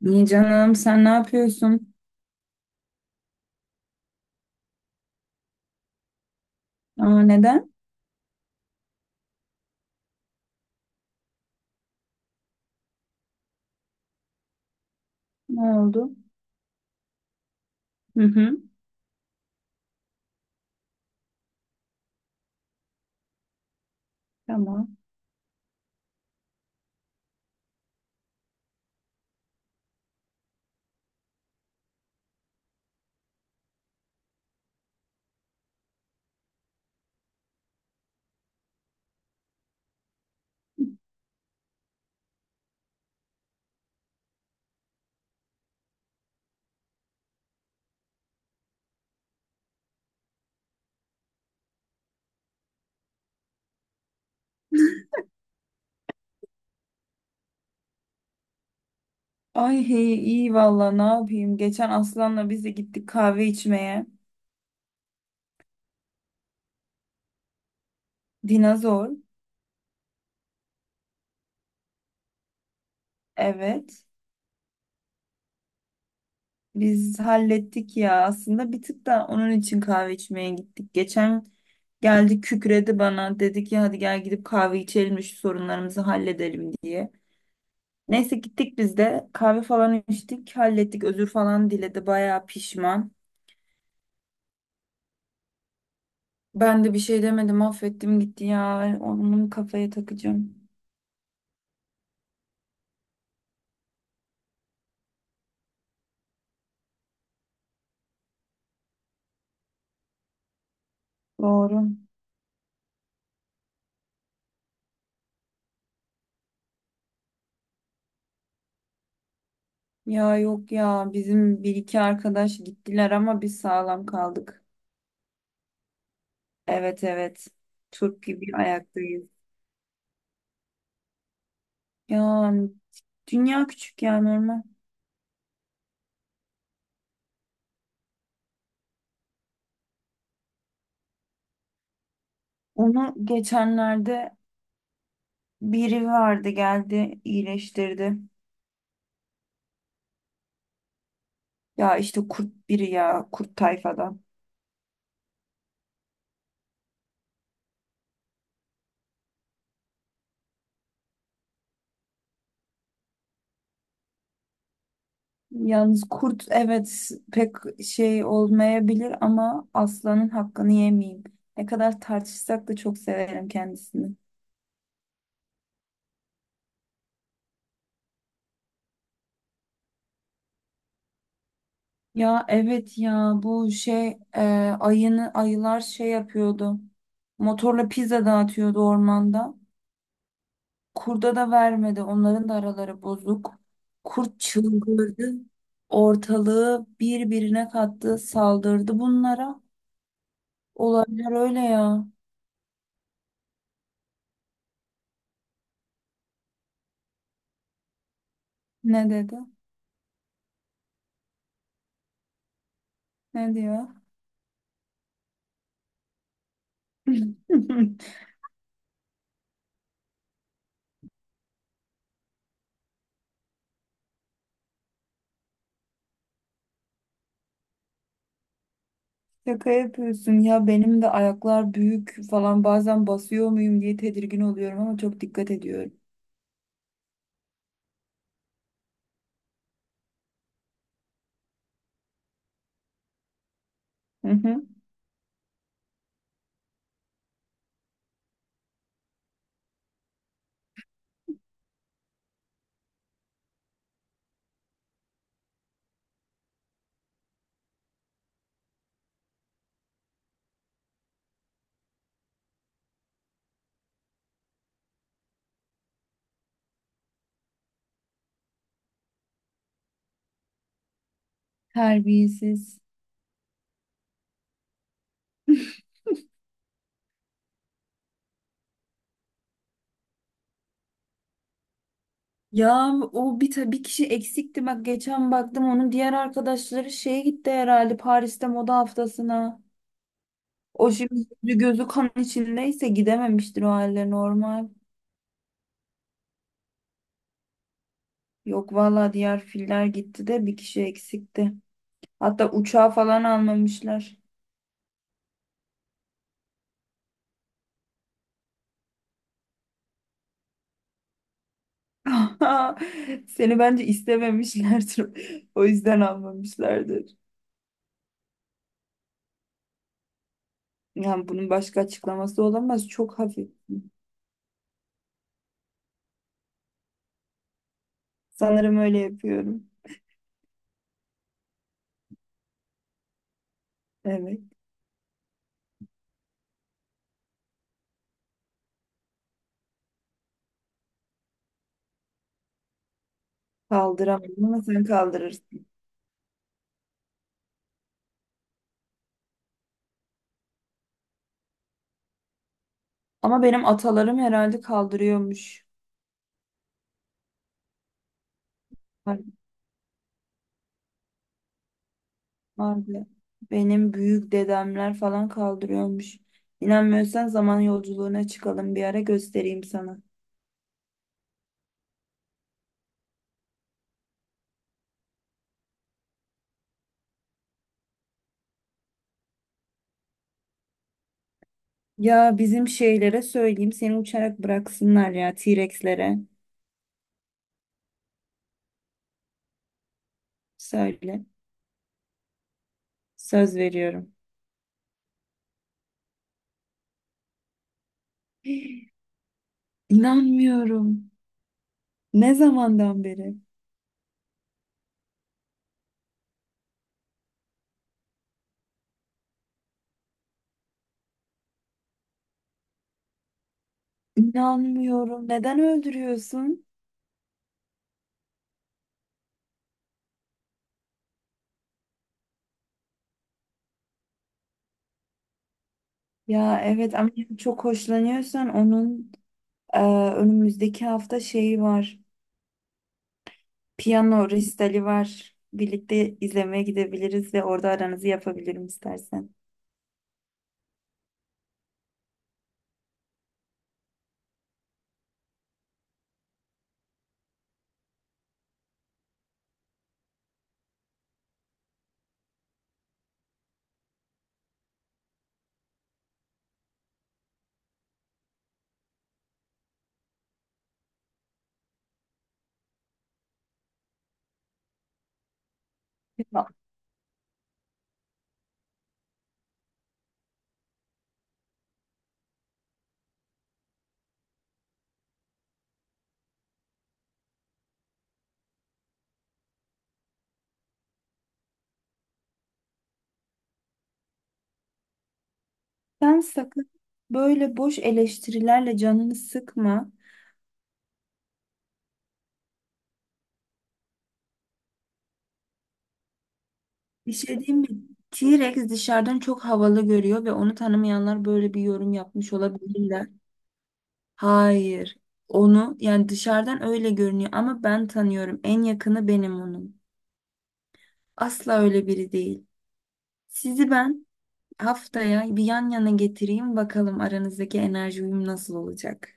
İyi canım, sen ne yapıyorsun? Aa, neden? Ne oldu? Hı hı. Tamam. Ay hey, iyi valla ne yapayım? Geçen Aslan'la biz de gittik kahve içmeye. Dinozor. Evet. Biz hallettik ya. Aslında bir tık da onun için kahve içmeye gittik. Geçen geldi kükredi bana. Dedi ki hadi gel gidip kahve içelim de şu sorunlarımızı halledelim diye. Neyse gittik biz de kahve falan içtik, hallettik, özür falan diledi, bayağı pişman. Ben de bir şey demedim, affettim gitti ya. Onun kafaya takacağım. Doğru. Ya yok ya, bizim bir iki arkadaş gittiler ama biz sağlam kaldık. Evet evet. Turp gibi ayaktayız. Ya dünya küçük ya, normal. Onu geçenlerde biri vardı, geldi iyileştirdi. Ya işte kurt biri, ya kurt tayfadan. Yalnız kurt evet pek şey olmayabilir ama aslanın hakkını yemeyeyim. Ne kadar tartışsak da çok severim kendisini. Ya evet ya, bu şey ayını ayılar şey yapıyordu. Motorla pizza dağıtıyordu ormanda. Kurda da vermedi. Onların da araları bozuk. Kurt çıldırdı. Ortalığı birbirine kattı, saldırdı bunlara. Olaylar öyle ya. Ne dedi? Ne diyor? Şaka yapıyorsun ya, benim de ayaklar büyük falan, bazen basıyor muyum diye tedirgin oluyorum ama çok dikkat ediyorum. Hı hı. Terbiyesiz. Ya o bir bir kişi eksikti, bak geçen baktım onun diğer arkadaşları şeye gitti herhalde, Paris'te moda haftasına. O şimdi yüzü gözü kan içindeyse gidememiştir, o halde normal. Yok valla, diğer filler gitti de bir kişi eksikti. Hatta uçağı falan almamışlar. Aha, seni bence istememişlerdir. O yüzden almamışlardır. Yani bunun başka açıklaması olamaz. Çok hafif. Sanırım öyle yapıyorum. Evet. Kaldıramıyorum ama sen kaldırırsın. Ama benim atalarım herhalde kaldırıyormuş. Hani vardı. Benim büyük dedemler falan kaldırıyormuş. İnanmıyorsan zaman yolculuğuna çıkalım bir ara, göstereyim sana. Ya bizim şeylere söyleyeyim, seni uçarak bıraksınlar ya, T-Rex'lere. Söyle. Söz veriyorum. İnanmıyorum. Ne zamandan beri? İnanmıyorum. Neden öldürüyorsun? Ya evet ama çok hoşlanıyorsan onun, e, önümüzdeki hafta şeyi var. Piyano resitali var. Birlikte izlemeye gidebiliriz ve orada aranızı yapabilirim istersen. Ya, sen sakın böyle boş eleştirilerle canını sıkma. Bir şey diyeyim mi? T-Rex dışarıdan çok havalı görüyor ve onu tanımayanlar böyle bir yorum yapmış olabilirler. Hayır. Onu yani dışarıdan öyle görünüyor ama ben tanıyorum. En yakını benim onun. Asla öyle biri değil. Sizi ben haftaya bir yan yana getireyim, bakalım aranızdaki enerji uyum nasıl olacak.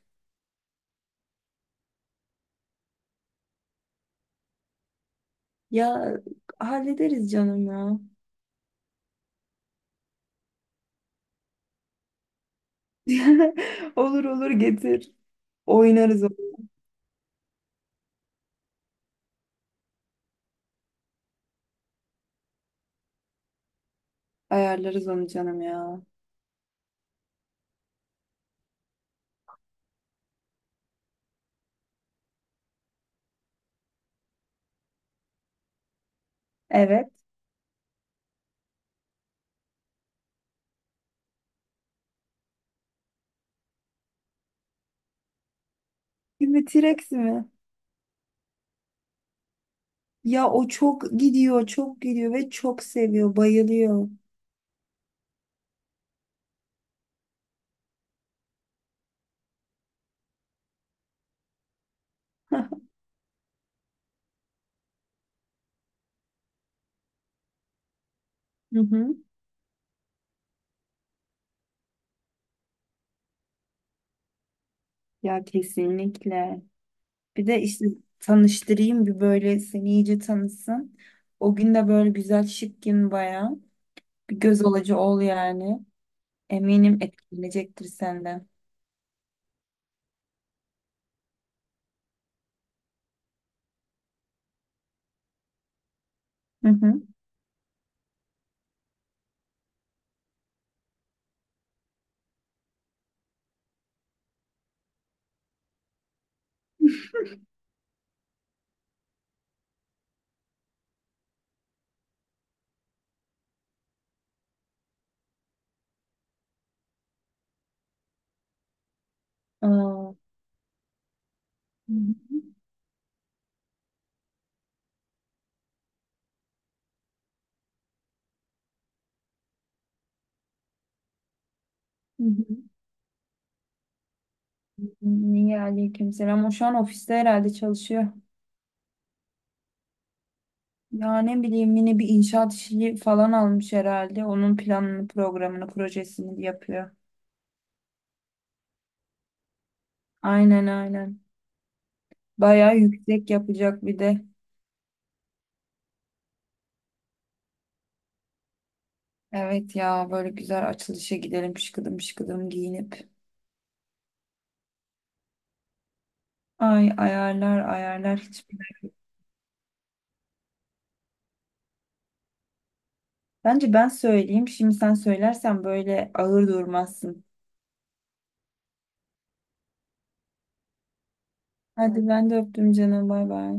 Ya hallederiz canım ya. Olur olur, getir. Oynarız onu. Ayarlarız onu canım ya. Evet. Şimdi T-Rex mi? Ya o çok gidiyor, çok gidiyor ve çok seviyor, bayılıyor. Hı hı. Ya kesinlikle. Bir de işte tanıştırayım bir, böyle seni iyice tanısın. O gün de böyle güzel şık gün bayağı. Bir göz alıcı ol yani. Eminim etkilenecektir senden. Hı hı. Aa, hı hı. Hı hı. Niye, aleykümselam. O şu an ofiste herhalde çalışıyor. Ya ne bileyim, yine bir inşaat işi falan almış herhalde. Onun planını, programını, projesini yapıyor. Aynen aynen. Bayağı yüksek yapacak bir de. Evet ya, böyle güzel açılışa gidelim şıkıdım şıkıdım giyinip. Ay ayarlar ayarlar hiç. Bence ben söyleyeyim. Şimdi sen söylersen böyle ağır durmazsın. Hadi ben de öptüm canım, bay bay.